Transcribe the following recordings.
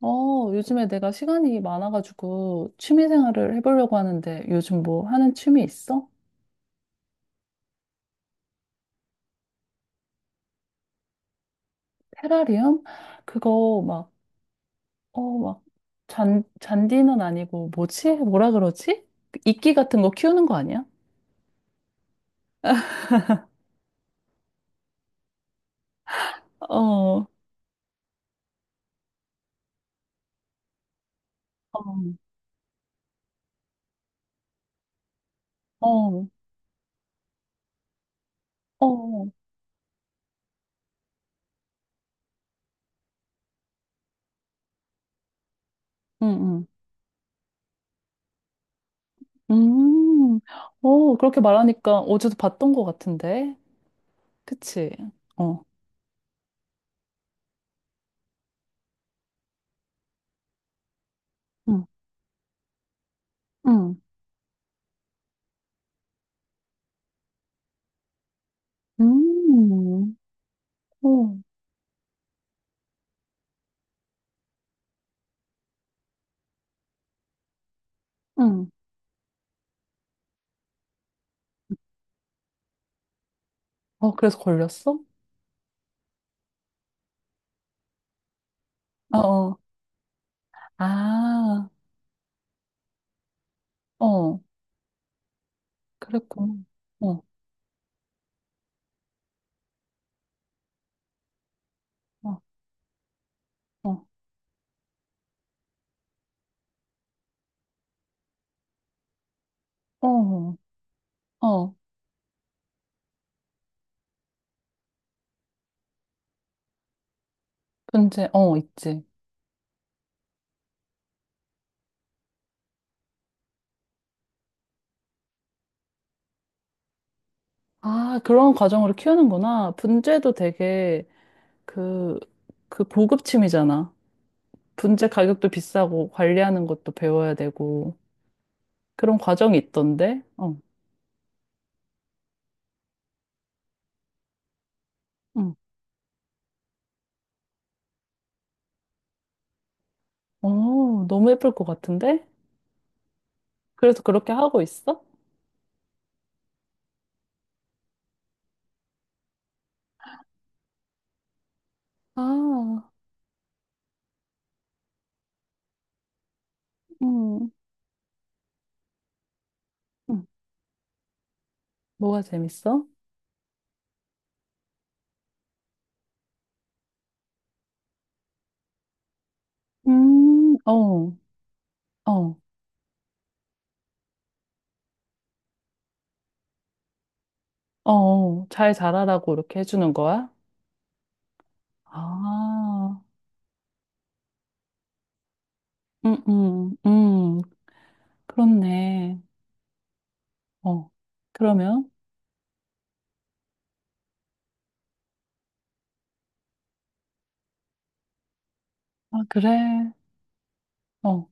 요즘에 내가 시간이 많아가지고 취미 생활을 해보려고 하는데 요즘 뭐 하는 취미 있어? 테라리움? 그거 막, 어, 막, 잔디는 아니고 뭐지? 뭐라 그러지? 그 이끼 같은 거 키우는 거 아니야? 어, 어, 어, 어, 응, 응. 음, 그렇게 말하니까 어제도 봤던 것 같은데. 그치? 어, 응, 응, 음, 어, 응. 그래서 걸렸어? 어, 어. 아, 어, 그랬구나. 어, 어, 어, 어, 어, 어, 분재, 있지. 아, 그런 과정으로 키우는구나. 분재도 되게 그, 그 고급침이잖아. 분재 가격도 비싸고 관리하는 것도 배워야 되고 그런 과정이 있던데. 어, 응. 너무 예쁠 것 같은데? 그래서 그렇게 하고 있어? 아, 음, 음. 뭐가 재밌어? 어, 어. 잘 자라라고 이렇게 해주는 거야? 아, 음, 음, 음, 그렇네. 어, 그러면? 아, 그래. 어,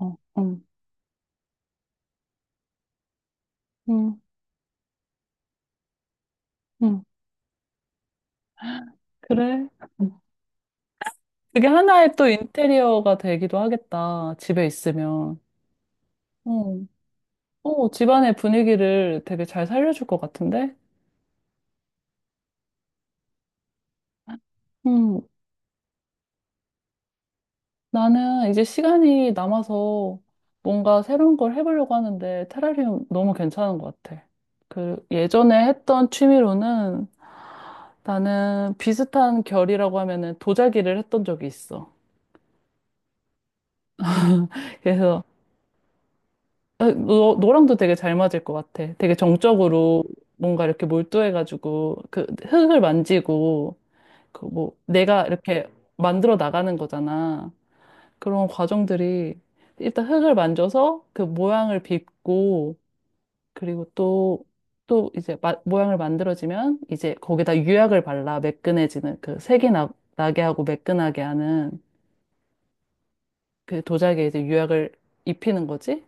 어, 음, 음, 그래. 음. 그게 하나의 또 인테리어가 되기도 하겠다. 집에 있으면. 어, 집안의 분위기를 되게 잘 살려줄 것 같은데? 음, 나는 이제 시간이 남아서 뭔가 새로운 걸 해보려고 하는데 테라리움 너무 괜찮은 것 같아. 그 예전에 했던 취미로는 나는 비슷한 결이라고 하면은 도자기를 했던 적이 있어. 그래서 너랑도 되게 잘 맞을 것 같아. 되게 정적으로 뭔가 이렇게 몰두해가지고 그 흙을 만지고 그 뭐 내가 이렇게 만들어 나가는 거잖아. 그런 과정들이 일단 흙을 만져서 그 모양을 빚고 그리고 또, 또 이제 모양을 만들어지면 이제 거기다 유약을 발라 매끈해지는 그 색이 나게 하고 매끈하게 하는 그 도자기에 이제 유약을 입히는 거지.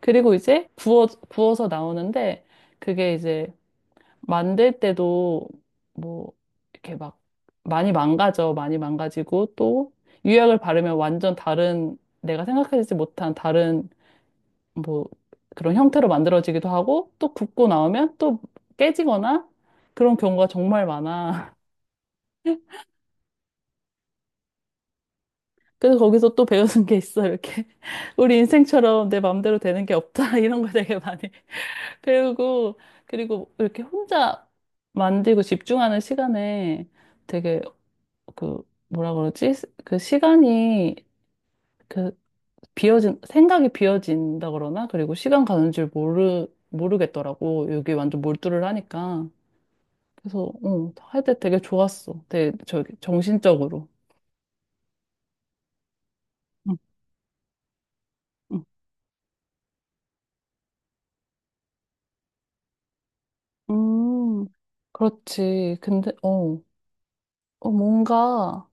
그리고 이제 구워서 나오는데 그게 이제 만들 때도 뭐 이렇게 막 많이 망가져. 많이 망가지고 또 유약을 바르면 완전 다른 내가 생각하지 못한 다른 뭐 그런 형태로 만들어지기도 하고 또 굽고 나오면 또 깨지거나 그런 경우가 정말 많아. 그래서 거기서 또 배우는 게 있어. 이렇게 우리 인생처럼 내 마음대로 되는 게 없다. 이런 거 되게 많이 배우고 그리고 이렇게 혼자 만들고 집중하는 시간에 되게 그 뭐라 그러지? 그 시간이 그 비어진 생각이 비어진다 그러나 그리고 시간 가는 줄 모르겠더라고. 여기 완전 몰두를 하니까. 그래서 할 때 되게 좋았어. 되게 저 정신적으로. 응, 응. 음, 그렇지. 근데 뭔가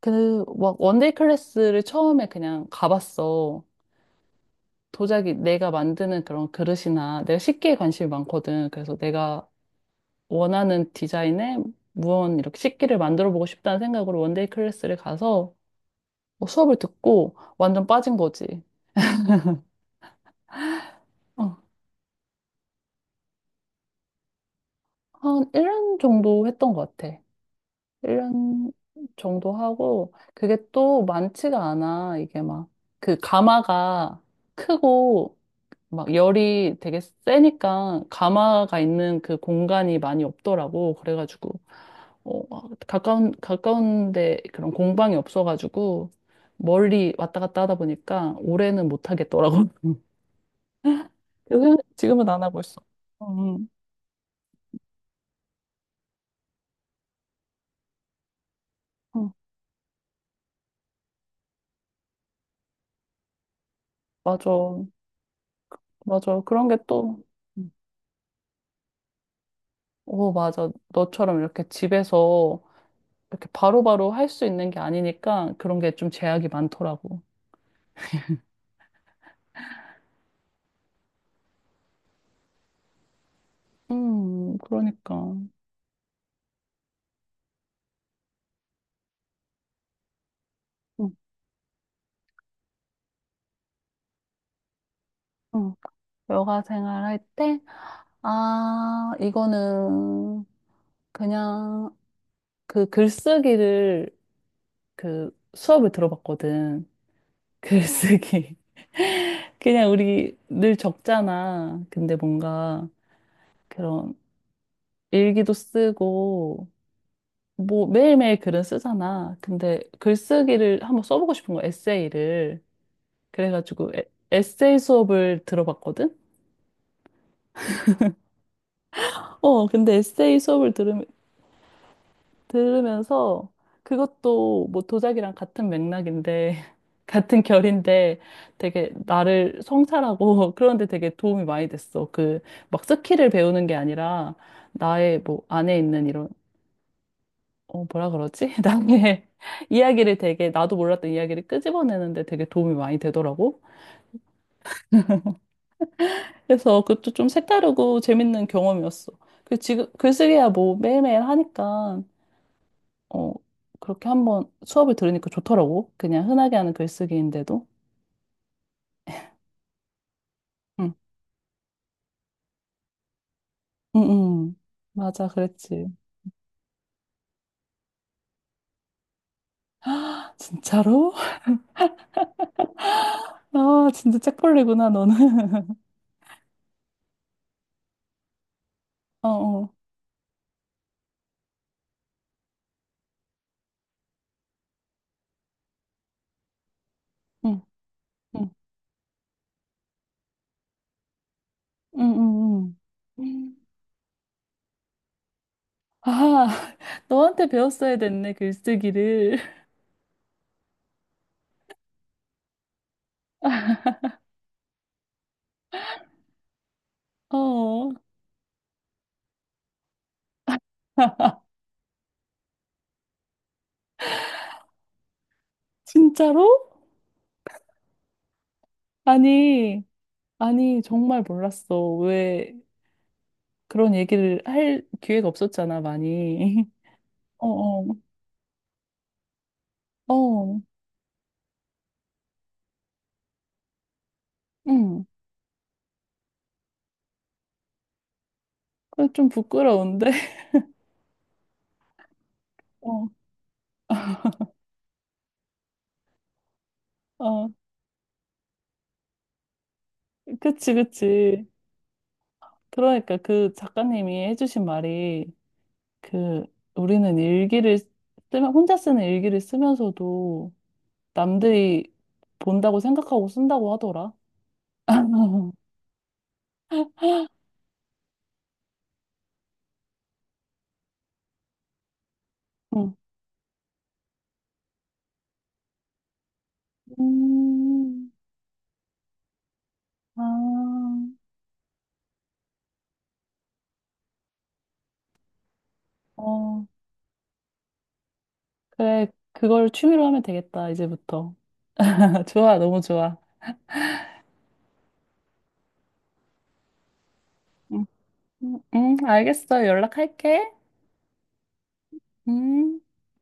그 막 원데이 클래스를 처음에 그냥 가봤어. 도자기 내가 만드는 그런 그릇이나 내가 식기에 관심이 많거든. 그래서 내가 원하는 디자인의 무언 이렇게 식기를 만들어 보고 싶다는 생각으로 원데이 클래스를 가서 뭐 수업을 듣고 완전 빠진 거지. 어, 한 1년 정도 했던 것 같아. 1년 정도 하고, 그게 또 많지가 않아. 이게 막, 그 가마가 크고, 막 열이 되게 세니까, 가마가 있는 그 공간이 많이 없더라고. 그래가지고, 가까운데 그런 공방이 없어가지고, 멀리 왔다 갔다 하다 보니까, 올해는 못 하겠더라고. 그래서 지금은 안 하고 있어. 응, 응, 맞아. 맞아. 그런 게 또, 음. 오, 맞아. 너처럼 이렇게 집에서 이렇게 바로바로 할 수 있는 게 아니니까 그런 게 좀 제약이 많더라고. 그러니까. 음, 음. 여가 생활할 때, 아, 이거는 그냥 그 글쓰기를 그 수업을 들어봤거든. 글쓰기. 그냥 우리 늘 적잖아. 근데 뭔가 그런 일기도 쓰고, 뭐 매일매일 글은 쓰잖아. 근데 글쓰기를 한번 써보고 싶은 거 에세이를. 그래가지고 에세이 수업을 들어봤거든? 근데 에세이 수업을 들으면서 그것도 뭐 도자기랑 같은 맥락인데, 같은 결인데 되게 나를 성찰하고 그런데 되게 도움이 많이 됐어. 그 막 스킬을 배우는 게 아니라 나의 뭐 안에 있는 이런 뭐라 그러지? 나의 이야기를 되게, 나도 몰랐던 이야기를 끄집어내는데 되게 도움이 많이 되더라고. 그래서 그것도 좀 색다르고 재밌는 경험이었어. 그 지금, 글쓰기야 뭐 매일매일 하니까, 어, 그렇게 한번 수업을 들으니까 좋더라고. 그냥 흔하게 하는 글쓰기인데도. 응, 응, 응. 맞아, 그랬지. 진짜로? 아, 진짜 책벌레구나, 너는. 어, 어. 응, 응, 응, 응, 응. 아, 너한테 배웠어야 됐네, 글쓰기를. 어, 진짜로? 아니, 아니, 정말 몰랐어. 왜 그런 얘기를 할 기회가 없었잖아, 많이. 어, 어, 어, 응. 그래, 좀 부끄러운데? 어, 어, 그치, 그치. 그러니까 그 작가님이 해주신 말이 그 우리는 일기를 쓰면, 혼자 쓰는 일기를 쓰면서도 남들이 본다고 생각하고 쓴다고 하더라. 응. 음. 아, 어, 그래, 그걸 취미로 하면 되겠다, 이제부터. 좋아, 너무 좋아. 응, 응, 응, 알겠어. 연락할게. 음.